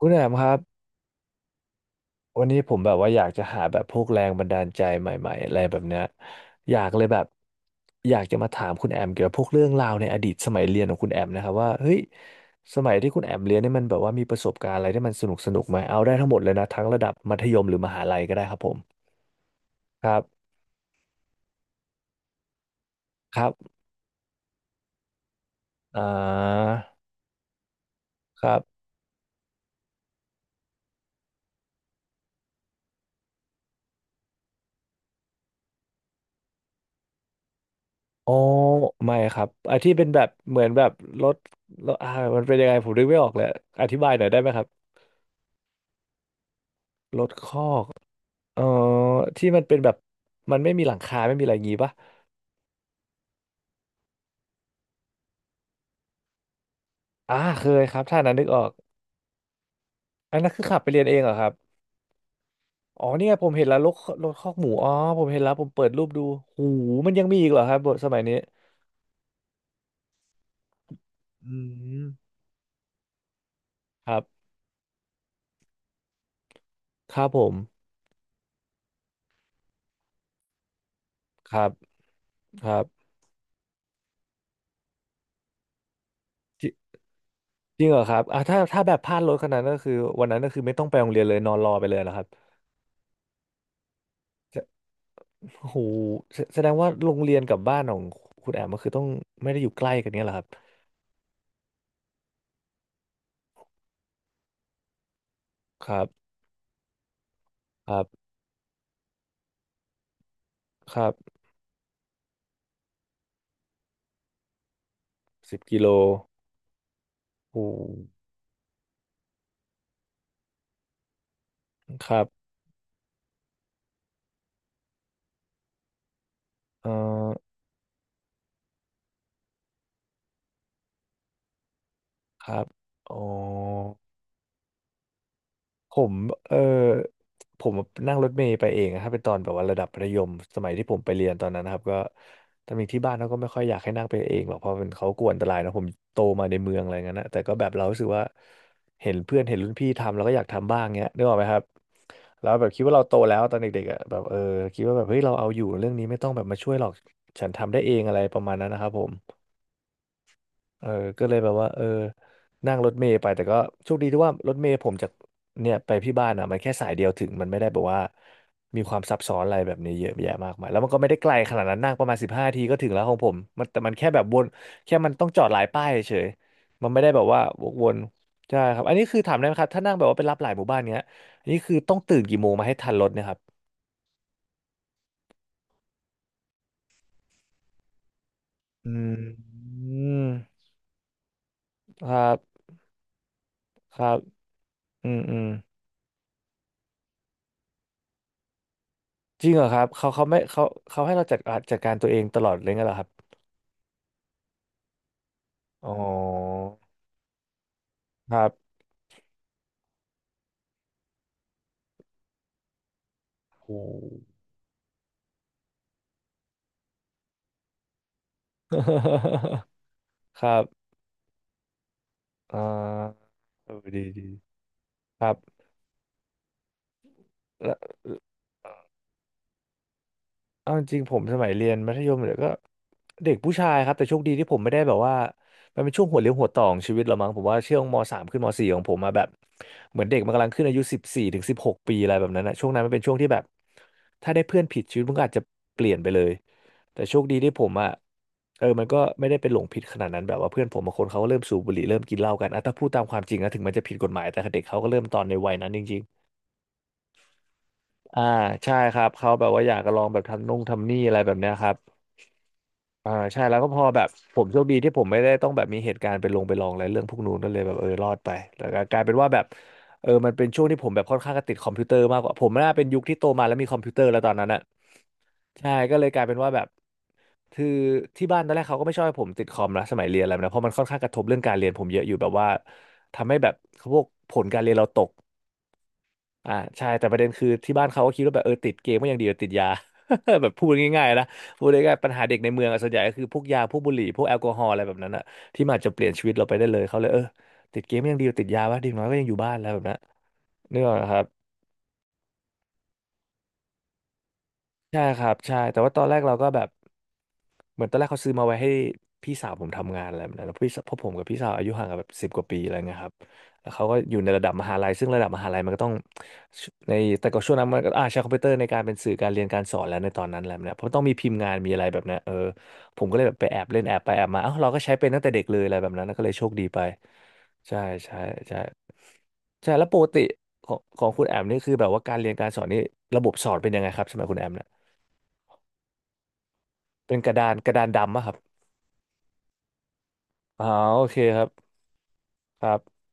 คุณแอมครับวันนี้ผมแบบว่าอยากจะหาแบบพวกแรงบันดาลใจใหม่ๆอะไรแบบเนี้ยอยากเลยแบบอยากจะมาถามคุณแอมเกี่ยวกับพวกเรื่องราวในอดีตสมัยเรียนของคุณแอมนะครับว่าเฮ้ยสมัยที่คุณแอมเรียนเนี่ยมันแบบว่ามีประสบการณ์อะไรที่มันสนุกสนุกไหมเอาได้ทั้งหมดเลยนะทั้งระดับมัธยมหรือมหาลัยก็ได้ครับผมครับครับอ่าครับอ๋อไม่ครับไอ้ที่เป็นแบบเหมือนแบบรถรถมันเป็นยังไงผมนึกไม่ออกเลยอธิบายหน่อยได้ไหมครับรถคอก อ๋อที่มันเป็นแบบมันไม่มีหลังคาไม่มีอะไรอย่างงี้ปะอ่าเคยครับถ้านั้นนึกออกอันนั้นคือขับไปเรียนเองเหรอครับอ๋อเนี่ยผมเห็นแล้วรถรถคอกหมูอ๋อผมเห็นแล้วผมเปิดรูปดูหูมันยังมีอีกเหรอครับบทสมัยนี้อืมครับครับผมครับครับจริจริงเหรอครับอ่าถ้าแบบพลาดรถขนาดนั้นก็คือวันนั้นก็คือไม่ต้องไปโรงเรียนเลยนอนรอไปเลยนะครับจะโอ้โหแสดงว่าโรงเรียนกับบ้านของคุณแอมก็คือต้องไม่ได้อยู่ใกล้กันเนี้ยเหรอครับครับครับครับ10 กิโล โอ้ครับเอ่อครับอ๋อผมเออผมนั่งรถเมล์ไปเองนะครับเป็นตอนแบบว่าระดับมรธยมสมัยที่ผมไปเรียนตอนนั้นนะครับก็ตอนนี้ที่บ้านเขาก็ไม่ค่อยอยากให้นั่งไปเองหรอกเพราะเป็นเขากลัวอันตรายนะผมโตมาในเมืองอะไรเงี้ยนะแต่ก็แบบเรารู้สึกว่าเห็นเพื่อนเห็นรุ่นพี่ทำเราก็อยากทำบ้างเงี้ยนึกออกไหมครับแล้วแบบคิดว่าเราโตแล้วตอนเด็กๆอ่ะแบบเออคิดว่าแบบเฮ้ยเราเอาอยู่เรื่องนี้ไม่ต้องแบบมาช่วยหรอกฉันทำได้เองอะไรประมาณนั้นนะครับผม เออก็เลยแบบว่าเออนั่งรถเมล์ไปแต่ก็โชคดีที่ว่ารถเมล์ผมจากเนี่ยไปพี่บ้านอ่ะมันแค่สายเดียวถึงมันไม่ได้แบบว่ามีความซับซ้อนอะไรแบบนี้เยอะแยะมากมายแล้วมันก็ไม่ได้ไกลขนาดนั้นนั่งประมาณ15ทีก็ถึงแล้วของผมมันแต่มันแค่แบบวนแค่มันต้องจอดหลายป้ายเฉยมันไม่ได้แบบว่าวกวนใช่ครับอันนี้คือถามได้ไหมครับถ้านั่งแบบว่าไปรับหลายหมู่บ้านเงี้ยอันนี้คือต้องตื่นกี่โมงมาให้ทันรถเนะครับอืมครับครับอืมอืม จริงเหรอครับเขาเขาให้เราจัดจัดการตัวเองตลอดเลยงั้นเหรอครับอ๋อครับโห ครับอ่าเออดีดีครับแล้ว เอาจริงๆผมสมัยเรียนมัธยมเนี่ยก็เด็กผู้ชายครับแต่โชคดีที่ผมไม่ได้แบบว่ามันเป็นช่วงหัวเลี้ยวหัวต่อของชีวิตเรามั้งผมว่าช่วงมสามขึ้นมสี่ของผมมาแบบเหมือนเด็กมันกำลังขึ้นอายุ14 ถึง 16 ปีอะไรแบบนั้นนะช่วงนั้นมันเป็นช่วงที่แบบถ้าได้เพื่อนผิดชีวิตมันก็อาจจะเปลี่ยนไปเลยแต่โชคดีที่ผมอ่ะเออมันก็ไม่ได้เป็นหลงผิดขนาดนั้นแบบว่าเพื่อนผมบางคนเขาก็เริ่มสูบบุหรี่เริ่มกินเหล้ากันอ่ะถ้าพูดตามความจริงนะถึงมันจะผิดกฎหมายแต่เด็กเขาก็เริ่มตอนในวัยนั้นจริงๆอ่าใช่ครับเขาแบบว่าอยากจะลองแบบทำนุ่งทำนี่อะไรแบบเนี้ยครับ อ่าใช่แล้วก็พอแบบผมโชคดีที่ผมไม่ได้ต้องแบบมีเหตุการณ์ไปลงไปลองอะไรเรื่องพวกนู้นก็เลยแบบเออรอดไปแล้วก็กลายเป็นว่าแบบเออมันเป็นช่วงที่ผมแบบค่อนข้างจะติดคอมพิวเตอร์มากกว่าผมน่าเป็นยุคที่โตมาแล้วมีคอมพิวเตอร์แล้วตอนนั้นอ่ะใช่ก็เลยกลายเป็นว่าแบบคือที่บ้านตอนแรกเขาก็ไม่ชอบให้ผมติดคอมนะสมัยเรียนอะไรแบบนะเพราะมันค่อนข้างกระทบเรื่องการเรียนผมเยอะอยู่แบบว่าทำให้แบบพวกผลการเรียนเราตก อ่าใช่แต่ประเด็นคือที่บ้านเขาก็คิดว่าแบบเออติดเกมก็ยังดีกว่าติดยา แบบพูดง่ายๆนะพูดง่ายๆปัญหาเด็กในเมืองอะส่วนใหญ่ก็คือพวกยาพวกบุหรี่พวกแอลกอฮอล์อะไรแบบนั้นอะที่มันอาจจะเปลี่ยนชีวิตเราไปได้เลยเขาเลยติดเกมก็ยังดีกว่าติดยาวะดีน้อยก็ยังอยู่บ้านแล้วแบบนั้นนึกออกไหมครับใช่ครับใช่แต่ว่าตอนแรกเราก็แบบ เหมือนตอนแรกเขาซื้อมาไว้ให้พี่สาวผมทำงานอะไรแบบนั้นแล้วพี่สาวเพราะผมกับพี่สาวอายุห่างกันแบบสิบกว่าปีอะไรเงี้ยครับแล้วเขาก็อยู่ในระดับมหาลัยซึ่งระดับมหาลัยมันก็ต้องในแต่ก็ช่วงนั้นมันก็ใช้คอมพิวเตอร์ในการเป็นสื่อการเรียนการสอนแล้วในตอนนั้นอะไรแหละเนเพราะต้องมีพิมพ์งานมีอะไรแบบนี้นผมก็เลยแบบไปแอบเล่นแอบไปแอบมาเอ้าเราก็ใช้เป็นตั้งแต่เด็กเลยอะไรแบบนั้นก็เลยโชคดีไปใช่ใช่ใช่ใช่แล้วปกติของคุณแอมนี่คือแบบว่าการเรียนการสอนนี่ระบบสอนเป็นยังไงครับสมัยคุณแอมเนี่ยเป็นกระดานดำอะครับอ๋อโอเคครับ ครับ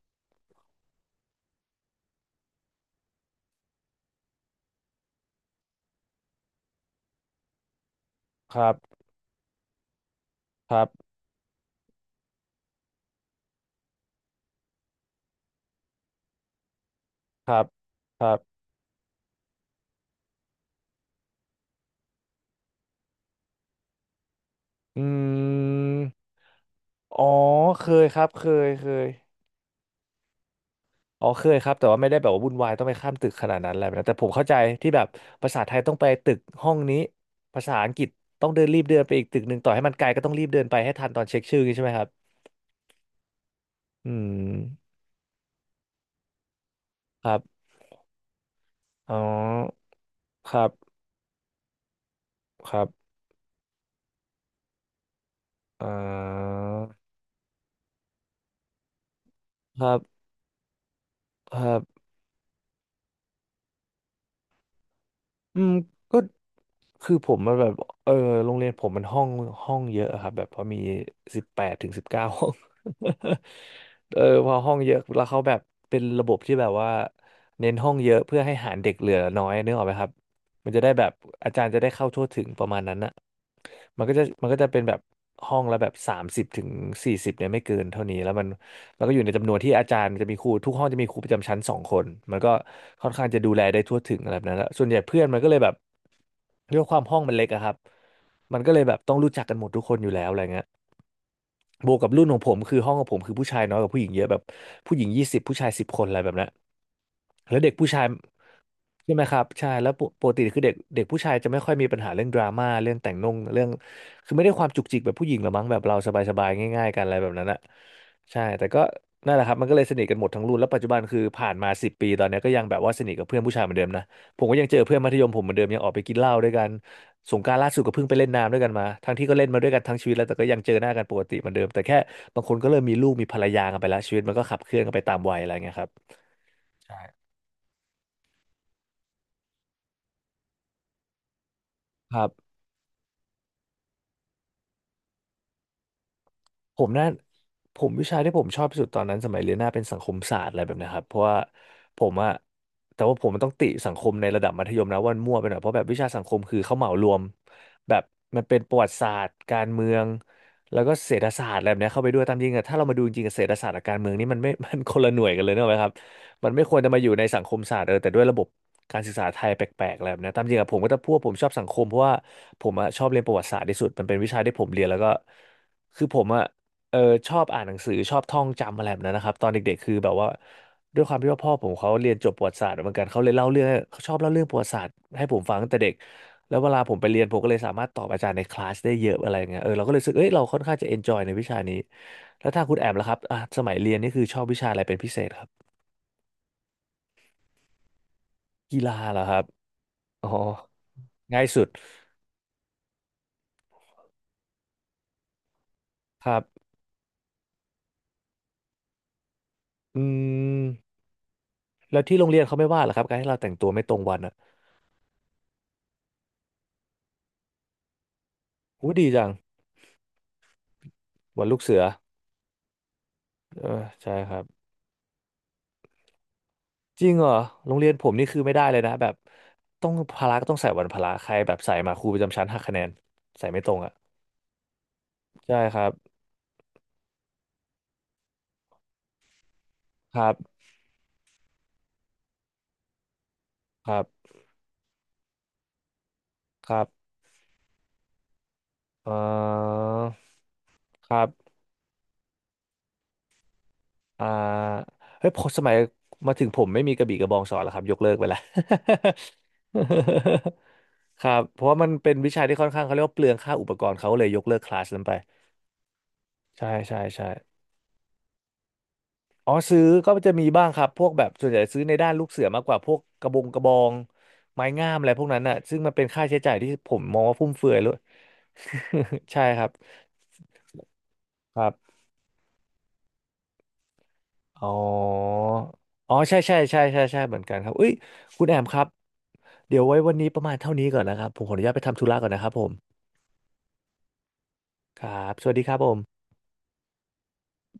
ครับครับครับครับอืมอ๋อเคยครับเคยเคยอ๋อเคยครับแต่ว่าไม่ได้แบบว่าวุ่นวายต้องไปข้ามตึกขนาดนั้นอะไรแบบนั้นแต่ผมเข้าใจที่แบบภาษาไทยต้องไปตึกห้องนี้ภาษาอังกฤษต้องเดินไปอีกตึกหนึ่งต่อให้มันไกลก็ต้องรีบเดินไปให้ทันตอนเช็คชื่ออย่างงี้ใช่ไหมครับอืมครับอ๋อครับครับอ่าครับครับ อืมก็คือผมมันแบบเออโรงเรียนผมมันห้องเยอะอะครับแบบพอมี18 ถึง 19 ห้อง พอห้องเยอะแล้วเขาแบบเป็นระบบที่แบบว่าเน้นห้องเยอะเพื่อให้หารเด็กเหลือน้อยนึกออกไหมครับมันจะได้แบบอาจารย์จะได้เข้าทั่วถึงประมาณนั้นนะ มันก็จะเป็นแบบห้องละแบบ30 ถึง 40เนี่ยไม่เกินเท่านี้แล้วมันแล้วก็อยู่ในจำนวนที่อาจารย์จะมีครูทุกห้องจะมีครูประจำชั้น2 คนมันก็ค่อนข้างจะดูแลได้ทั่วถึงอะไรแบบนั้นแล้วส่วนใหญ่เพื่อนมันก็เลยแบบด้วยความห้องมันเล็กอะครับมันก็เลยแบบต้องรู้จักกันหมดทุกคนอยู่แล้วอะไรเงี้ย บวกกับรุ่นของผมคือห้องของผมคือผู้ชายน้อยกว่าผู้หญิงเยอะแบบผู้หญิง20ผู้ชาย10 คนอะไรแบบนั้นแล้วเด็กผู้ชายใช่ไหมครับใช่แล้วปกติคือเด็กเด็กผู้ชายจะไม่ค่อยมีปัญหาเรื่องดราม่าเรื่องแต่งนงเรื่องคือไม่ได้ความจุกจิกแบบผู้หญิงหรอกมั้งแบบเราสบายๆง่ายๆกันอะไรแบบนั้นอะใช่แต่ก็นั่นแหละครับมันก็เลยสนิทกันหมดทั้งรุ่นแล้วปัจจุบันคือผ่านมา10 ปีตอนเนี้ยก็ยังแบบว่าสนิทกับเพื่อนผู้ชายเหมือนเดิมนะผมก็ยังเจอเพื่อนมัธยมผมเหมือนเดิมยังออกไปกินเหล้าด้วยกัน สงกรานต์ล่าสุดก็เพิ่งไปเล่นน้ำด้วยกันมา ทั้งที่ก็เล่นมาด้วยกันทั้งชีวิตแล้วแต่ก็ยังเจอหน้ากันปกติเหมือนเดิมแต่แค่บางคนก็เริ่มมีลูกมีภรรยากันไปแล้วชีวิตมันก็ขับเคลื่อนกันไปตามวัยอะไรเงี้ยครับใช่ครับ ผมน่าผมวิชาที่ผมชอบที่สุดตอนนั้นสมัยเรียนหน้าเป็นสังคมศาสตร์อะไรแบบเนะครับเพราะว่าผมอะแต่ว่าผมมันต้องติสังคมในระดับมัธยมนะว่ามันมั่วไปหน่อยเพราะแบบวิชาสังคมคือเขาเหมารวมแบบมันเป็นประวัติศาสตร์การเมืองแล้วก็เศรษฐศาสตร์อะไรแบบเนี้ยเข้าไปด้วยตามจริงอะถ้าเรามาดูจริงกับเศรษฐศาสตร์กับการเมืองนี่มันไม่ มันคนละหน่วยกันเลยเนกอะครับมันไม่ควรจะมาอยู่ในสังคมศาสตร์แต่ด้วยระบบการศึกษาไทยแปลกๆอะไรแบบเนี้ยตามจริงอะผมก็จะพูดว่าผมชอบสังคมเพราะว่าผมอะชอบเรียนประวัติศาสตร์ที่สุดมันเป็นวิชาที่ผมเรียนแล้วก็คือผมอะ เออชอบอ่านหนังสือชอบท่องจำอะไรแบบนั้นนะครับตอนเด็กๆคือแบบว่าด้วยความที่ว่าพ่อผมเขาเรียนจบประวัติศาสตร์เหมือนกันเขาเลยเล่าเรื่องเขาชอบเล่าเรื่องประวัติศาสตร์ให้ผมฟังตั้งแต่เด็กแล้วเวลาผมไปเรียนผมก็เลยสามารถตอบอาจารย์ในคลาสได้เยอะอะไรอย่างเงี้ยเราก็เลยรู้สึกเอ้ยเราค่อนข้างจะเอนจอยในวิชานี้แล้วถ้าคุณแอมล่ะครับอ่ะสมัยเรียนนี่คือชอบวิชาอะไรเป็นพิเศษครับกีฬาเหรอครับอ๋อง่ายสุดครับอืมแล้วที่โรงเรียนเขาไม่ว่าเหรอครับการที่เราแต่งตัวไม่ตรงวันอ่ะอู้ดีจังวันลูกเสือเออใช่ครับ จริงเหรอโรงเรียนผมนี่คือไม่ได้เลยนะแบบต้องพละก็ต้องใส่วันพละใครแบบใส่มาครูประจำชั้นหักคะแนนใส่ไม่ตรงอ่ะใช่ครับครับครับครับเอ่อครับอ่าเฮ้ยพอสมัยมาถึงผมไม่มีกระบี่กระบองสอนแล้วครับยกเลิกไปแล้ว ครับเพราะว่ามันเป็นวิชาที่ค่อนข้างเขาเรียกว่าเปลืองค่าอุปกรณ์เขาเลยยกเลิกคลาสนั้นไปใช่ใช่ใช่ อ๋อซื้อก็จะมีบ้างครับพวกแบบส่วนใหญ่ซื้อในด้านลูกเสือมากกว่าพวกกระบงกระบองไม้งามอะไรพวกนั้นน่ะซึ่งมันเป็นค่าใช้จ่ายที่ผมมองว่าฟุ่มเฟือยเลย ใช่ครับครับอ๋ออ๋อใช่ใช่ใช่ใช่ใช่เหมือนกันครับเอ้ยคุณแอมครับเดี๋ยวไว้วันนี้ประมาณเท่านี้ก่อนนะครับผมขออนุญาตไปทำธุระก่อนนะครับผมครับสวัสดีครับผม